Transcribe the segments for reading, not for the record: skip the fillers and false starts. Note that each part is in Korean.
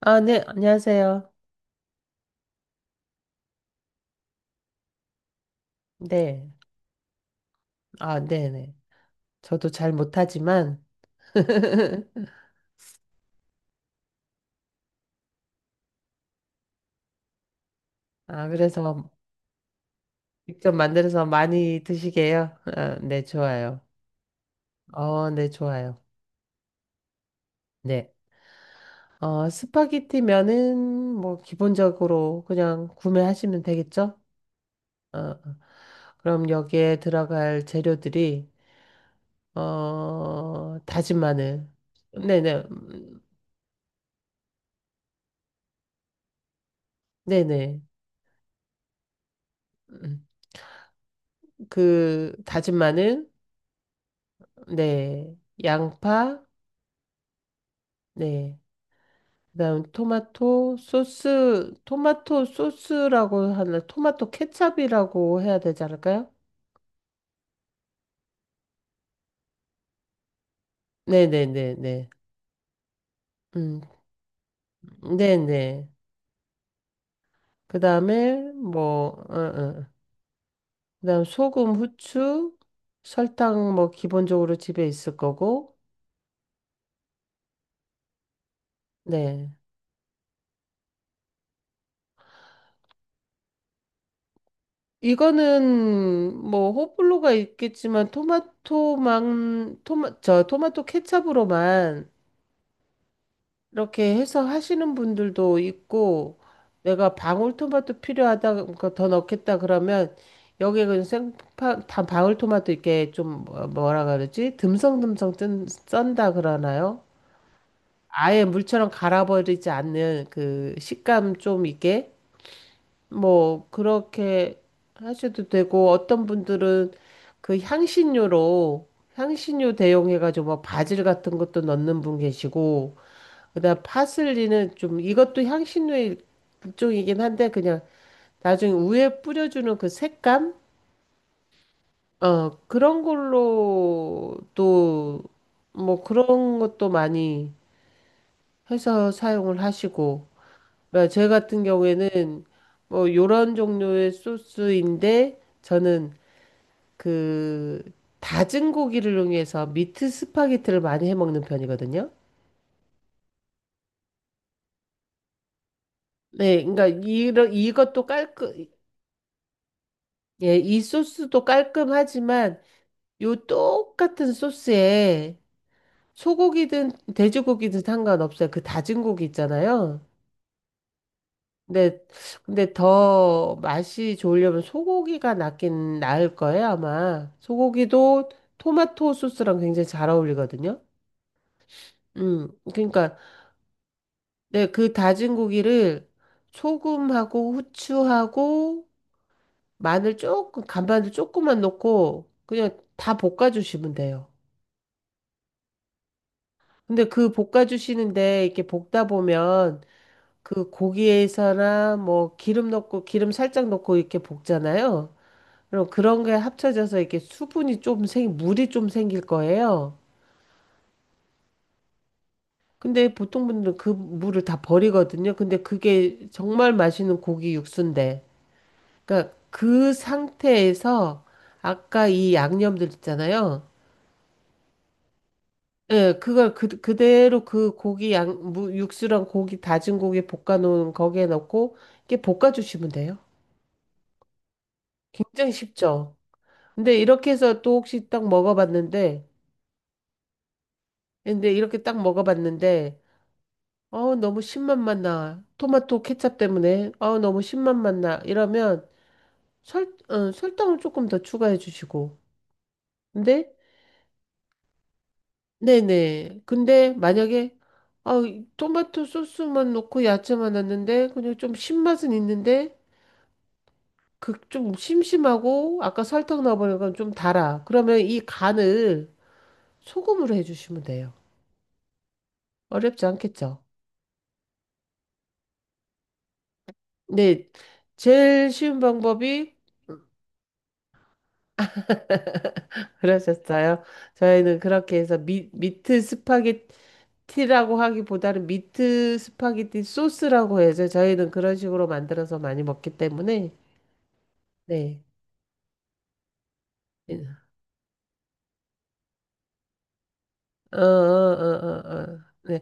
아, 네, 안녕하세요. 네. 아, 네네. 저도 잘 못하지만, 아, 그래서 직접 만들어서 많이 드시게요. 아, 네, 좋아요. 네, 좋아요. 네. 스파게티 면은 뭐 기본적으로 그냥 구매하시면 되겠죠? 어, 어. 그럼 여기에 들어갈 재료들이, 다진 마늘. 네네. 네네. 음, 그 다진 마늘, 네. 양파, 네. 그다음 토마토 소스, 토마토 소스라고 하나, 토마토 케첩이라고 해야 되지 않을까요? 네네네네. 음, 네네. 그 다음에, 그 다음 소금, 후추, 설탕, 뭐, 기본적으로 집에 있을 거고, 네. 이거는, 뭐, 호불호가 있겠지만, 토마토 케첩으로만 이렇게 해서 하시는 분들도 있고, 내가 방울토마토 필요하다 그러니까 더 넣겠다 그러면 여기에 그 생파 다 방울토마토 이렇게 좀 뭐라 그러지, 듬성듬성 뜬, 썬다 그러나요? 아예 물처럼 갈아버리지 않는 그 식감 좀 있게 뭐 그렇게 하셔도 되고, 어떤 분들은 그 향신료로 향신료 대용해가지고 뭐 바질 같은 것도 넣는 분 계시고, 그다음 파슬리는 좀, 이것도 향신료의 일종이긴 한데 그냥 나중에 우에 뿌려주는 그 색감? 그런 걸로 또 뭐 그런 것도 많이 해서 사용을 하시고. 그러니까 제 같은 경우에는 뭐 요런 종류의 소스인데, 저는 그 다진 고기를 이용해서 미트 스파게티를 많이 해 먹는 편이거든요. 네, 그러니까 이런 이것도 깔끔, 예, 이 소스도 깔끔하지만 요 똑같은 소스에 소고기든 돼지고기든 상관없어요. 그 다진 고기 있잖아요. 근데 근데 더 맛이 좋으려면 소고기가 낫긴 나을 거예요, 아마. 소고기도 토마토 소스랑 굉장히 잘 어울리거든요. 음. 그러니까 네, 그 다진 고기를 소금하고 후추하고 마늘 조금, 간마늘 조금만 넣고 그냥 다 볶아 주시면 돼요. 근데 그 볶아주시는데, 이렇게 볶다 보면 그 고기에서나 뭐 기름 넣고, 기름 살짝 넣고 이렇게 볶잖아요. 그럼 그런 게 합쳐져서 이렇게 수분이 좀 물이 좀 생길 거예요. 근데 보통 분들은 그 물을 다 버리거든요. 근데 그게 정말 맛있는 고기 육수인데. 그러니까 그 상태에서 아까 이 양념들 있잖아요. 예, 그걸 그대로 그 고기 육수랑 고기, 다진 고기 볶아놓은 거기에 넣고, 이렇게 볶아주시면 돼요. 굉장히 쉽죠? 근데 이렇게 해서 또 혹시 딱 먹어봤는데, 근데 이렇게 딱 먹어봤는데, 어우, 너무 신맛만 나. 토마토 케첩 때문에, 어우, 너무 신맛만 나. 이러면 설탕을 조금 더 추가해 주시고. 근데, 네네. 근데 만약에, 아, 토마토 소스만 넣고 야채만 넣었는데, 그냥 좀 신맛은 있는데, 그 좀 심심하고 아까 설탕 넣어보는 건 좀 달아. 그러면 이 간을 소금으로 해주시면 돼요. 어렵지 않겠죠? 네, 제일 쉬운 방법이 그러셨어요. 저희는 그렇게 해서 미트 스파게티라고 하기보다는 미트 스파게티 소스라고 해서 저희는 그런 식으로 만들어서 많이 먹기 때문에. 네. 어, 어, 어, 어, 어. 네.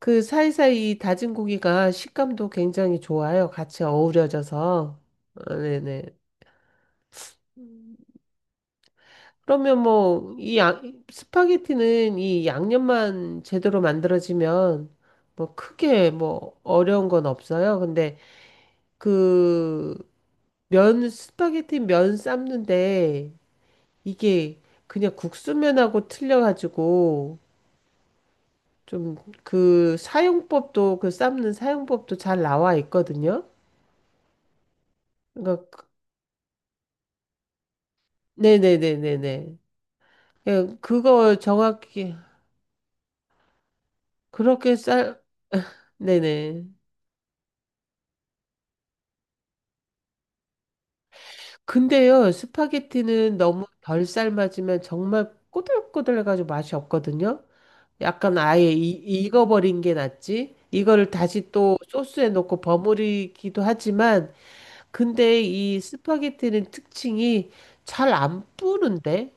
그 사이사이 다진 고기가 식감도 굉장히 좋아요. 같이 어우러져서. 아, 네네. 그러면 뭐, 이 스파게티는 이 양념만 제대로 만들어지면 뭐 크게 뭐 어려운 건 없어요. 근데 그 면, 스파게티 면 삶는데 이게 그냥 국수면하고 틀려가지고 좀 그 사용법도, 그 삶는 사용법도 잘 나와 있거든요. 그러니까 네네네네네. 예, 그거 정확히, 그렇게 쌀, 네네. 근데요, 스파게티는 너무 덜 삶아지면 정말 꼬들꼬들해가지고 맛이 없거든요. 약간 아예 익어버린 게 낫지. 이거를 다시 또 소스에 넣고 버무리기도 하지만, 근데 이 스파게티는 특징이 잘 안 뿌는데?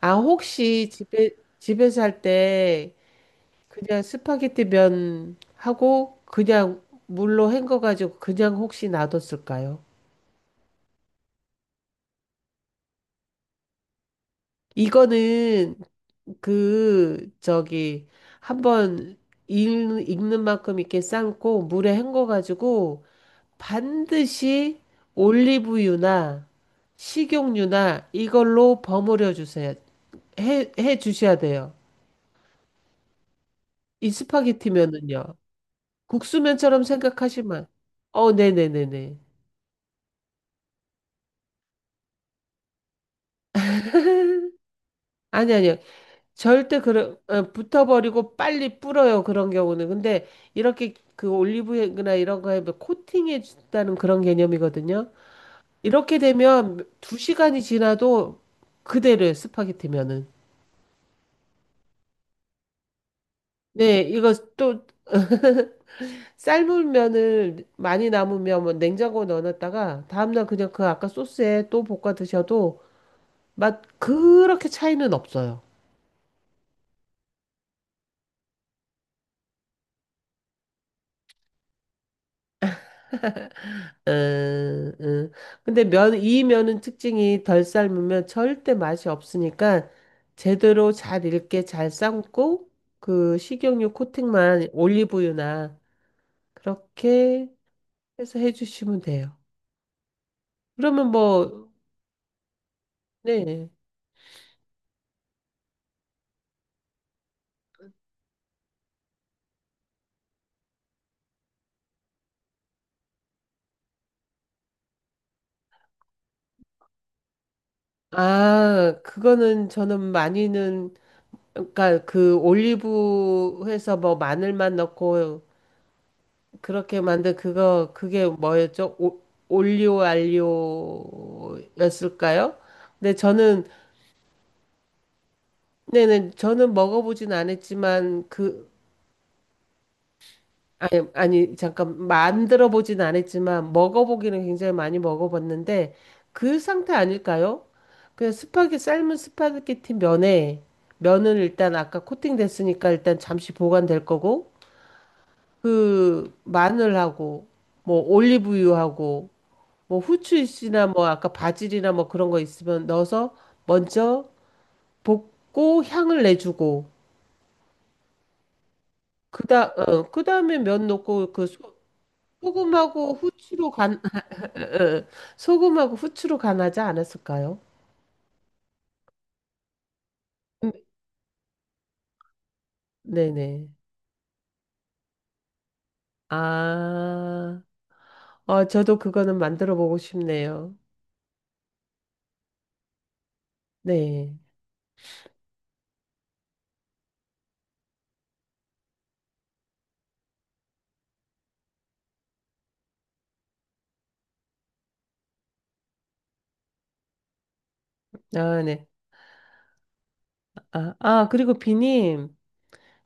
아, 혹시 집에, 집에서 할때 그냥 스파게티 면 하고 그냥 물로 헹궈가지고 그냥 혹시 놔뒀을까요? 이거는 그 저기 한번 익는 만큼 이렇게 삶고 물에 헹궈가지고 반드시 올리브유나 식용유나 이걸로 버무려 주세요. 해 주셔야 돼요. 이 스파게티면은요. 국수면처럼 생각하시면 네네네네. 아니. 절대 그래 붙어버리고 빨리 불어요. 그런 경우는, 근데 이렇게 그 올리브유나 이런 거에 뭐 코팅해 준다는 그런 개념이거든요. 이렇게 되면 두 시간이 지나도 그대로예요. 스파게티면은 네. 이거 또 삶은 면을 많이 남으면 뭐 냉장고에 넣어놨다가 다음날 그냥 그 아까 소스에 또 볶아 드셔도 맛 그렇게 차이는 없어요. 음, 음. 근데 면, 이 면은 특징이 덜 삶으면 절대 맛이 없으니까 제대로 잘 익게 잘 삶고 그 식용유 코팅만 올리브유나 그렇게 해서 해주시면 돼요. 그러면 뭐, 네. 아, 그거는 저는 많이는, 그러니까 그 올리브 해서 뭐 마늘만 넣고 그렇게 만든 그거, 그게 뭐였죠? 오, 올리오 알리오였을까요? 근데 저는 네네 저는 먹어보진 않았지만 그, 아니 잠깐 만들어 보진 않았지만 먹어보기는 굉장히 많이 먹어봤는데 그 상태 아닐까요? 그냥 스파게 삶은 스파게티 면에, 면은 일단 아까 코팅됐으니까 일단 잠시 보관될 거고, 그 마늘하고 뭐 올리브유하고 뭐 후추잎이나 뭐 아까 바질이나 뭐 그런 거 있으면 넣어서 먼저 볶고 향을 내주고, 그다음에 면 넣고 그 소금하고 후추로 간, 소금하고 후추로 간하지 않았을까요? 음, 네네. 아, 저도 그거는 만들어 보고 싶네요. 네. 아, 네. 아, 아, 그리고 비님.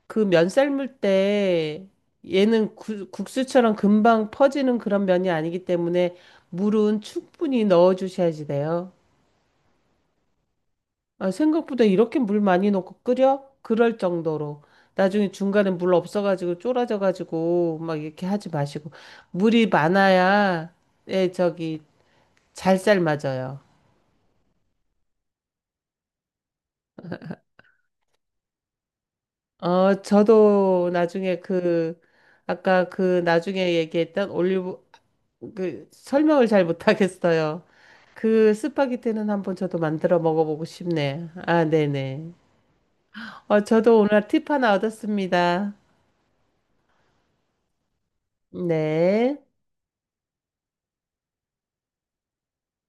그 면 삶을 때 얘는 국수처럼 금방 퍼지는 그런 면이 아니기 때문에 물은 충분히 넣어 주셔야지 돼요. 아, 생각보다 이렇게 물 많이 넣고 끓여? 그럴 정도로. 나중에 중간에 물 없어가지고 쫄아져가지고 막 이렇게 하지 마시고. 물이 많아야, 예, 저기, 잘 삶아져요. 저도 나중에 그, 아까 그 나중에 얘기했던 올리브, 그 설명을 잘 못하겠어요. 그 스파게티는 한번 저도 만들어 먹어보고 싶네. 아, 네네. 저도 오늘 팁 하나 얻었습니다. 네.